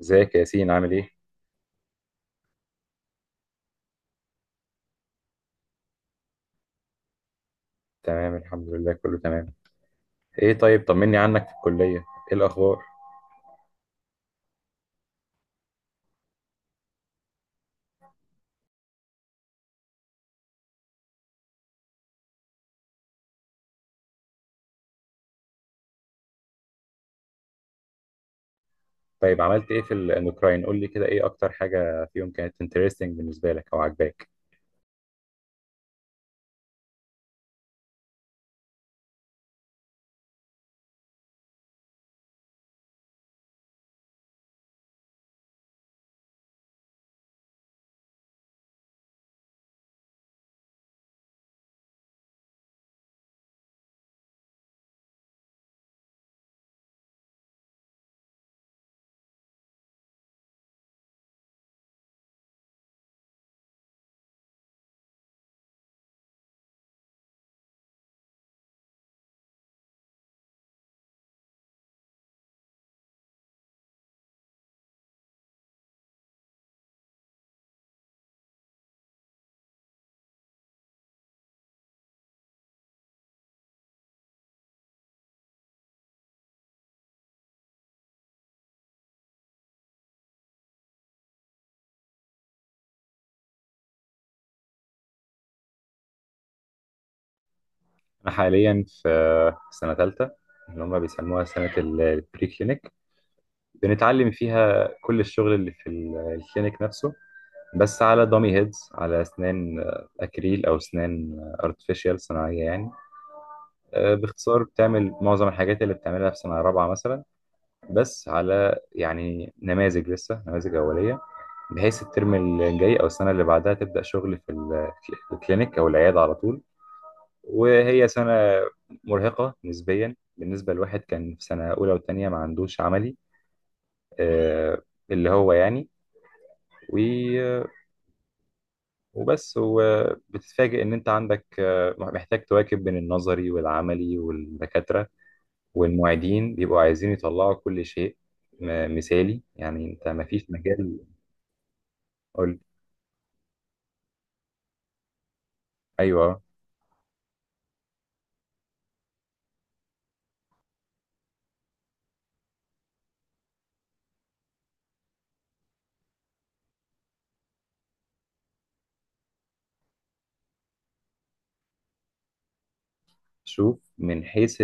ازيك يا ياسين عامل ايه؟ تمام الحمد لله كله تمام. ايه طيب طمني عنك في الكلية. ايه الاخبار؟ طيب عملت ايه في الاندوكراين؟ قول لي كده، ايه اكتر حاجة فيهم كانت انترستنج بالنسبة لك او عجباك؟ انا حاليا في سنة ثالثة، اللي هم بيسموها سنة البري كلينيك. بنتعلم فيها كل الشغل اللي في الكلينيك نفسه، بس على دامي هيدز، على اسنان اكريل او اسنان ارتفيشال صناعية يعني. باختصار بتعمل معظم الحاجات اللي بتعملها في سنة رابعة مثلا، بس على يعني نماذج، لسه نماذج أولية، بحيث الترم الجاي أو السنة اللي بعدها تبدأ شغل في في الكلينيك أو العيادة على طول. وهي سنة مرهقة نسبيا بالنسبة لواحد كان في سنة أولى وتانية ما عندوش عملي. آه، اللي هو يعني و- وبس، وبتتفاجئ إن أنت عندك، محتاج تواكب بين النظري والعملي، والدكاترة والمعيدين بيبقوا عايزين يطلعوا كل شيء مثالي، يعني أنت ما فيش مجال. قول. ايوه. شوف، من حيث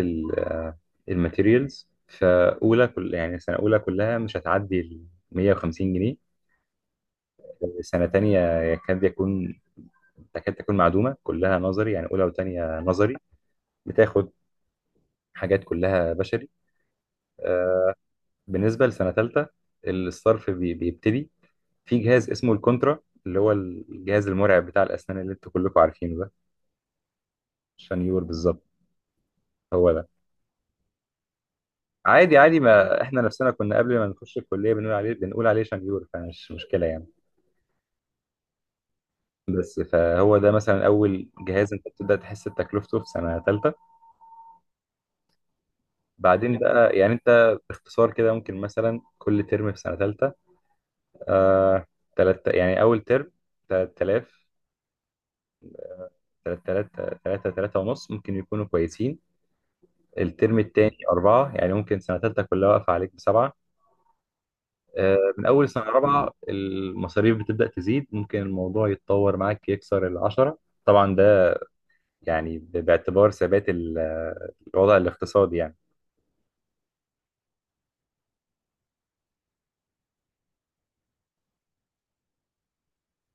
الماتيريالز، فاولى كل يعني سنه اولى كلها مش هتعدي ال 150 جنيه. سنه تانية يكاد يكون تكاد تكون معدومه، كلها نظري، يعني اولى وتانية نظري، بتاخد حاجات كلها بشري. آه، بالنسبه لسنه تالتة، الصرف بيبتدي في جهاز اسمه الكونترا، اللي هو الجهاز المرعب بتاع الاسنان اللي انتوا كلكم عارفينه ده. عشان يور بالظبط. هو. عادي عادي، ما احنا نفسنا كنا قبل ما نخش الكليه بنقول عليه شنيور، فمش مشكله يعني. بس، فهو ده مثلا اول جهاز انت بتبدا تحس بتكلفته في سنه ثالثه. بعدين بقى، يعني انت باختصار كده ممكن مثلا كل ترم في سنه ثالثه، آه، تلت يعني اول ترم 3000، 3000، 3، 3 ونص ممكن يكونوا كويسين. الترم الثاني أربعة. يعني ممكن سنة تالتة كلها واقفة عليك بسبعة. من أول سنة رابعة المصاريف بتبدأ تزيد، ممكن الموضوع يتطور معاك يكسر العشرة. طبعا ده يعني باعتبار ثبات الوضع الاقتصادي يعني.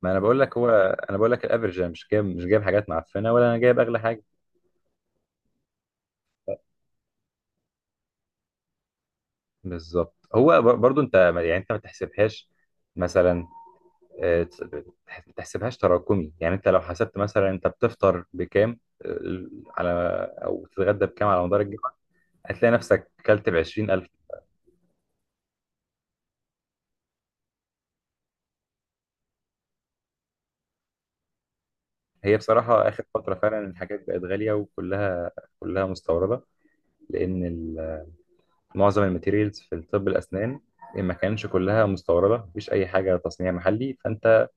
ما أنا بقول لك، هو أنا بقول لك الأفرج، أنا مش جايب حاجات معفنة ولا أنا جايب أغلى حاجة. بالظبط. هو برضو أنت يعني أنت ما تحسبهاش مثلا، ما تحسبهاش تراكمي. يعني أنت لو حسبت مثلا أنت بتفطر بكام، آه، على أو تتغدى بكام على مدار الجامعة، هتلاقي نفسك كلت ب 20000. هي بصراحة آخر فترة فعلا الحاجات بقت غالية، وكلها مستوردة. لأن معظم الماتيريالز في الطب الأسنان ما كانش كلها مستوردة، مفيش أي حاجة تصنيع محلي. فأنت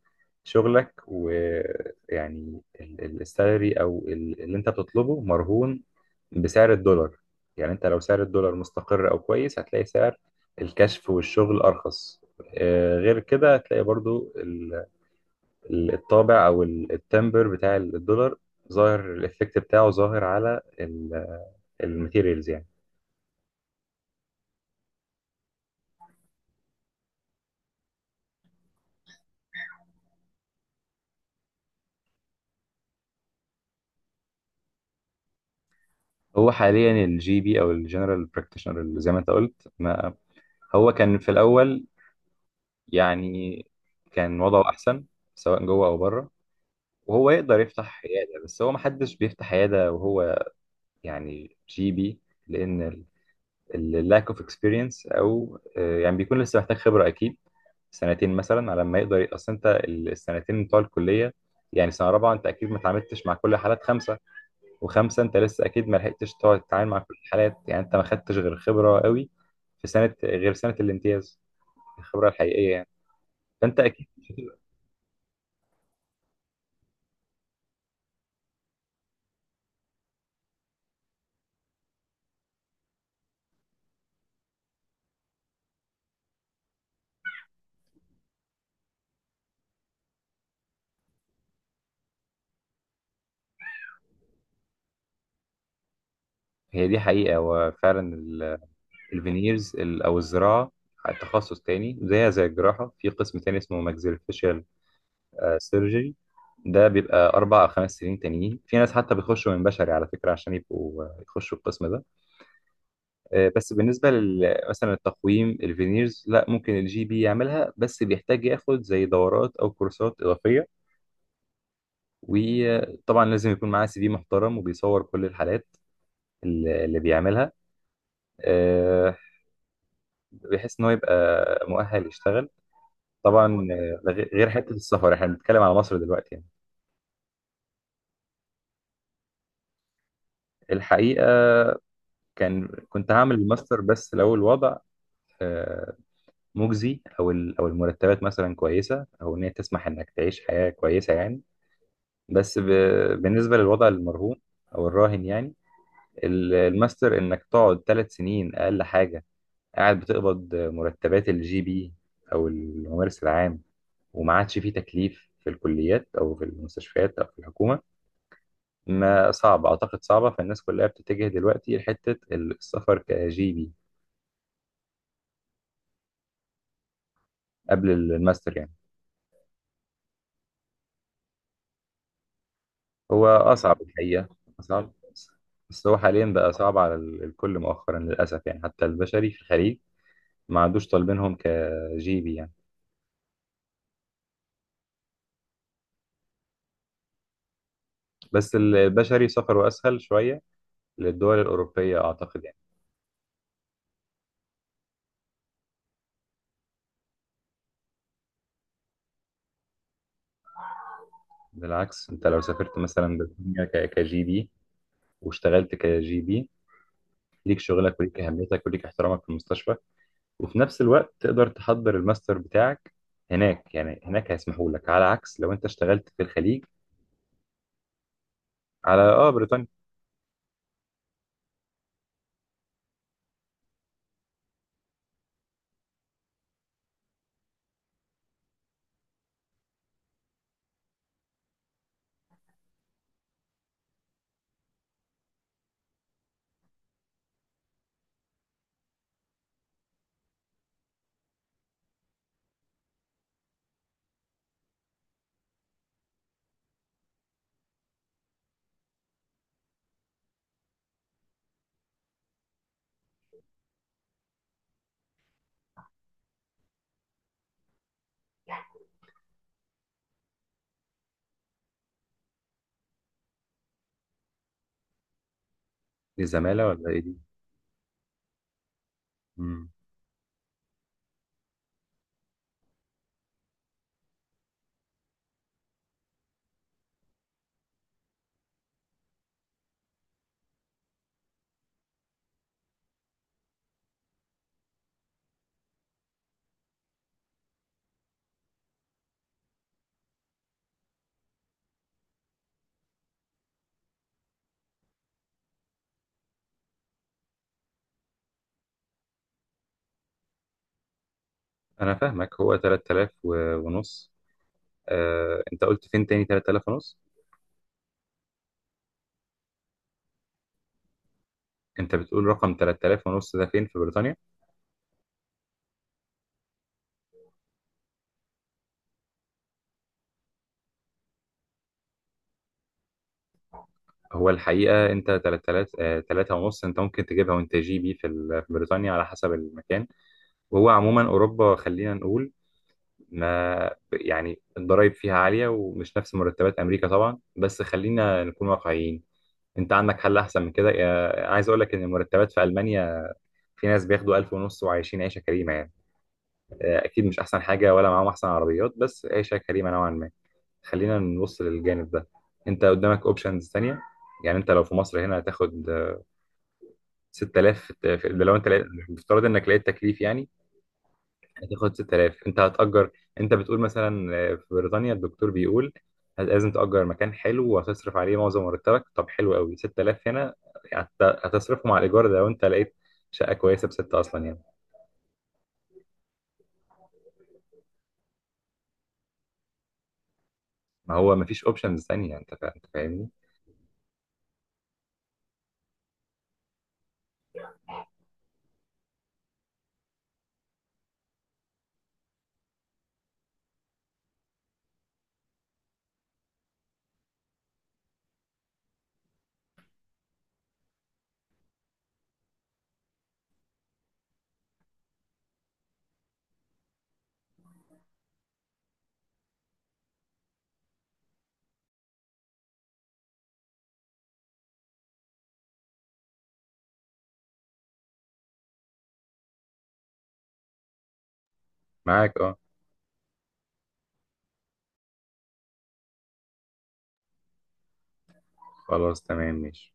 شغلك، ويعني السالري أو اللي أنت بتطلبه مرهون بسعر الدولار. يعني أنت لو سعر الدولار مستقر أو كويس هتلاقي سعر الكشف والشغل أرخص. غير كده هتلاقي برضو الطابع او التمبر بتاع الدولار ظاهر، الايفكت بتاعه ظاهر على الماتيريالز يعني. هو حاليا الجي بي او الجنرال براكتيشنر، اللي زي ما انت قلت، ما هو كان في الاول يعني كان وضعه احسن سواء جوه او بره، وهو يقدر يفتح عياده، بس هو ما حدش بيفتح عياده وهو يعني جي بي، لان اللاك اوف اكسبيرينس او يعني بيكون لسه محتاج خبره، اكيد سنتين مثلا على ما يقدر. اصل انت السنتين بتوع الكليه، يعني سنه رابعه انت اكيد ما اتعاملتش مع كل حالات خمسه، وخمسه انت لسه اكيد ما لحقتش تقعد تتعامل مع كل الحالات. يعني انت ما خدتش غير خبره قوي في سنه غير سنه الامتياز، الخبره الحقيقيه يعني. فانت اكيد مش هتبقى-. هي دي حقيقه وفعلا. الفينيرز او الزراعه تخصص تاني، زيها زي الجراحه، في قسم تاني اسمه ماكسيلوفيشيال سيرجري، ده بيبقى 4 أو 5 سنين تانيين، في ناس حتى بيخشوا من بشري على فكره عشان يبقوا، يخشوا القسم ده. بس بالنسبة مثلا التقويم الفينيرز، لا، ممكن الجي بي يعملها، بس بيحتاج ياخد زي دورات أو كورسات إضافية. وطبعا لازم يكون معاه سي في محترم وبيصور كل الحالات اللي بيعملها. آه، بحيث إن هو يبقى مؤهل يشتغل. طبعا ده غير حتة السفر، احنا بنتكلم على مصر دلوقتي يعني. الحقيقة كان كنت هعمل الماستر، بس لو الوضع آه، مجزي أو أو المرتبات مثلا كويسة، أو إن هي تسمح إنك تعيش حياة كويسة يعني. بس ب... بالنسبة للوضع المرهون أو الراهن يعني، الماستر إنك تقعد 3 سنين أقل حاجة، قاعد بتقبض مرتبات الجي بي أو الممارس العام، وما عادش فيه تكليف في الكليات أو في المستشفيات أو في الحكومة. ما صعب، أعتقد صعبة، فالناس كلها بتتجه دلوقتي لحتة السفر كجي بي قبل الماستر يعني. هو أصعب الحقيقة، أصعب، بس هو حاليا بقى صعب على الكل مؤخرا للأسف يعني، حتى البشري في الخليج ما عادوش طالبينهم كجيبي يعني، بس البشري سفره أسهل شوية للدول الأوروبية أعتقد يعني. بالعكس أنت لو سافرت مثلا بريطانيا كجي بي واشتغلت كجي بي، ليك شغلك وليك أهميتك وليك احترامك في المستشفى، وفي نفس الوقت تقدر تحضر الماستر بتاعك هناك يعني. هناك هيسمحوا لك، على عكس لو أنت اشتغلت في الخليج. على آه بريطانيا. دي زمالة ولا إيه دي؟ مم. أنا فاهمك. هو 3000 ونص، أنت قلت فين تاني 3000 ونص؟ انت بتقول رقم 3000 ونص ده فين في بريطانيا؟ هو الحقيقه انت 3000، 3 ونص انت ممكن تجيبها وانت جي بي في في بريطانيا على حسب المكان. وهو عموما اوروبا خلينا نقول، ما يعني الضرايب فيها عاليه ومش نفس مرتبات امريكا طبعا، بس خلينا نكون واقعيين. انت عندك حل احسن من كده، عايز اقول لك ان المرتبات في المانيا، في ناس بياخدوا 1000 ونص وعايشين عيشه كريمه يعني. اكيد مش احسن حاجه ولا معاهم احسن عربيات، بس عيشه كريمه نوعا ما. خلينا نبص للجانب ده، انت قدامك اوبشنز تانية. يعني انت لو في مصر هنا هتاخد 6000 ده لو انت لقيت، بافتراض انك لقيت تكليف يعني. هتاخد 6000، انت هتأجر. انت بتقول مثلا في بريطانيا الدكتور بيقول لازم تأجر مكان حلو وهتصرف عليه معظم مرتبك. طب حلو قوي 6000 هنا هتصرفه مع الإيجار، ده لو انت لقيت شقة كويسة بستة أصلا يعني. ما هو مفيش اوبشنز تانية، انت انت فاهمني. معاك اه. خلاص تمام ماشي.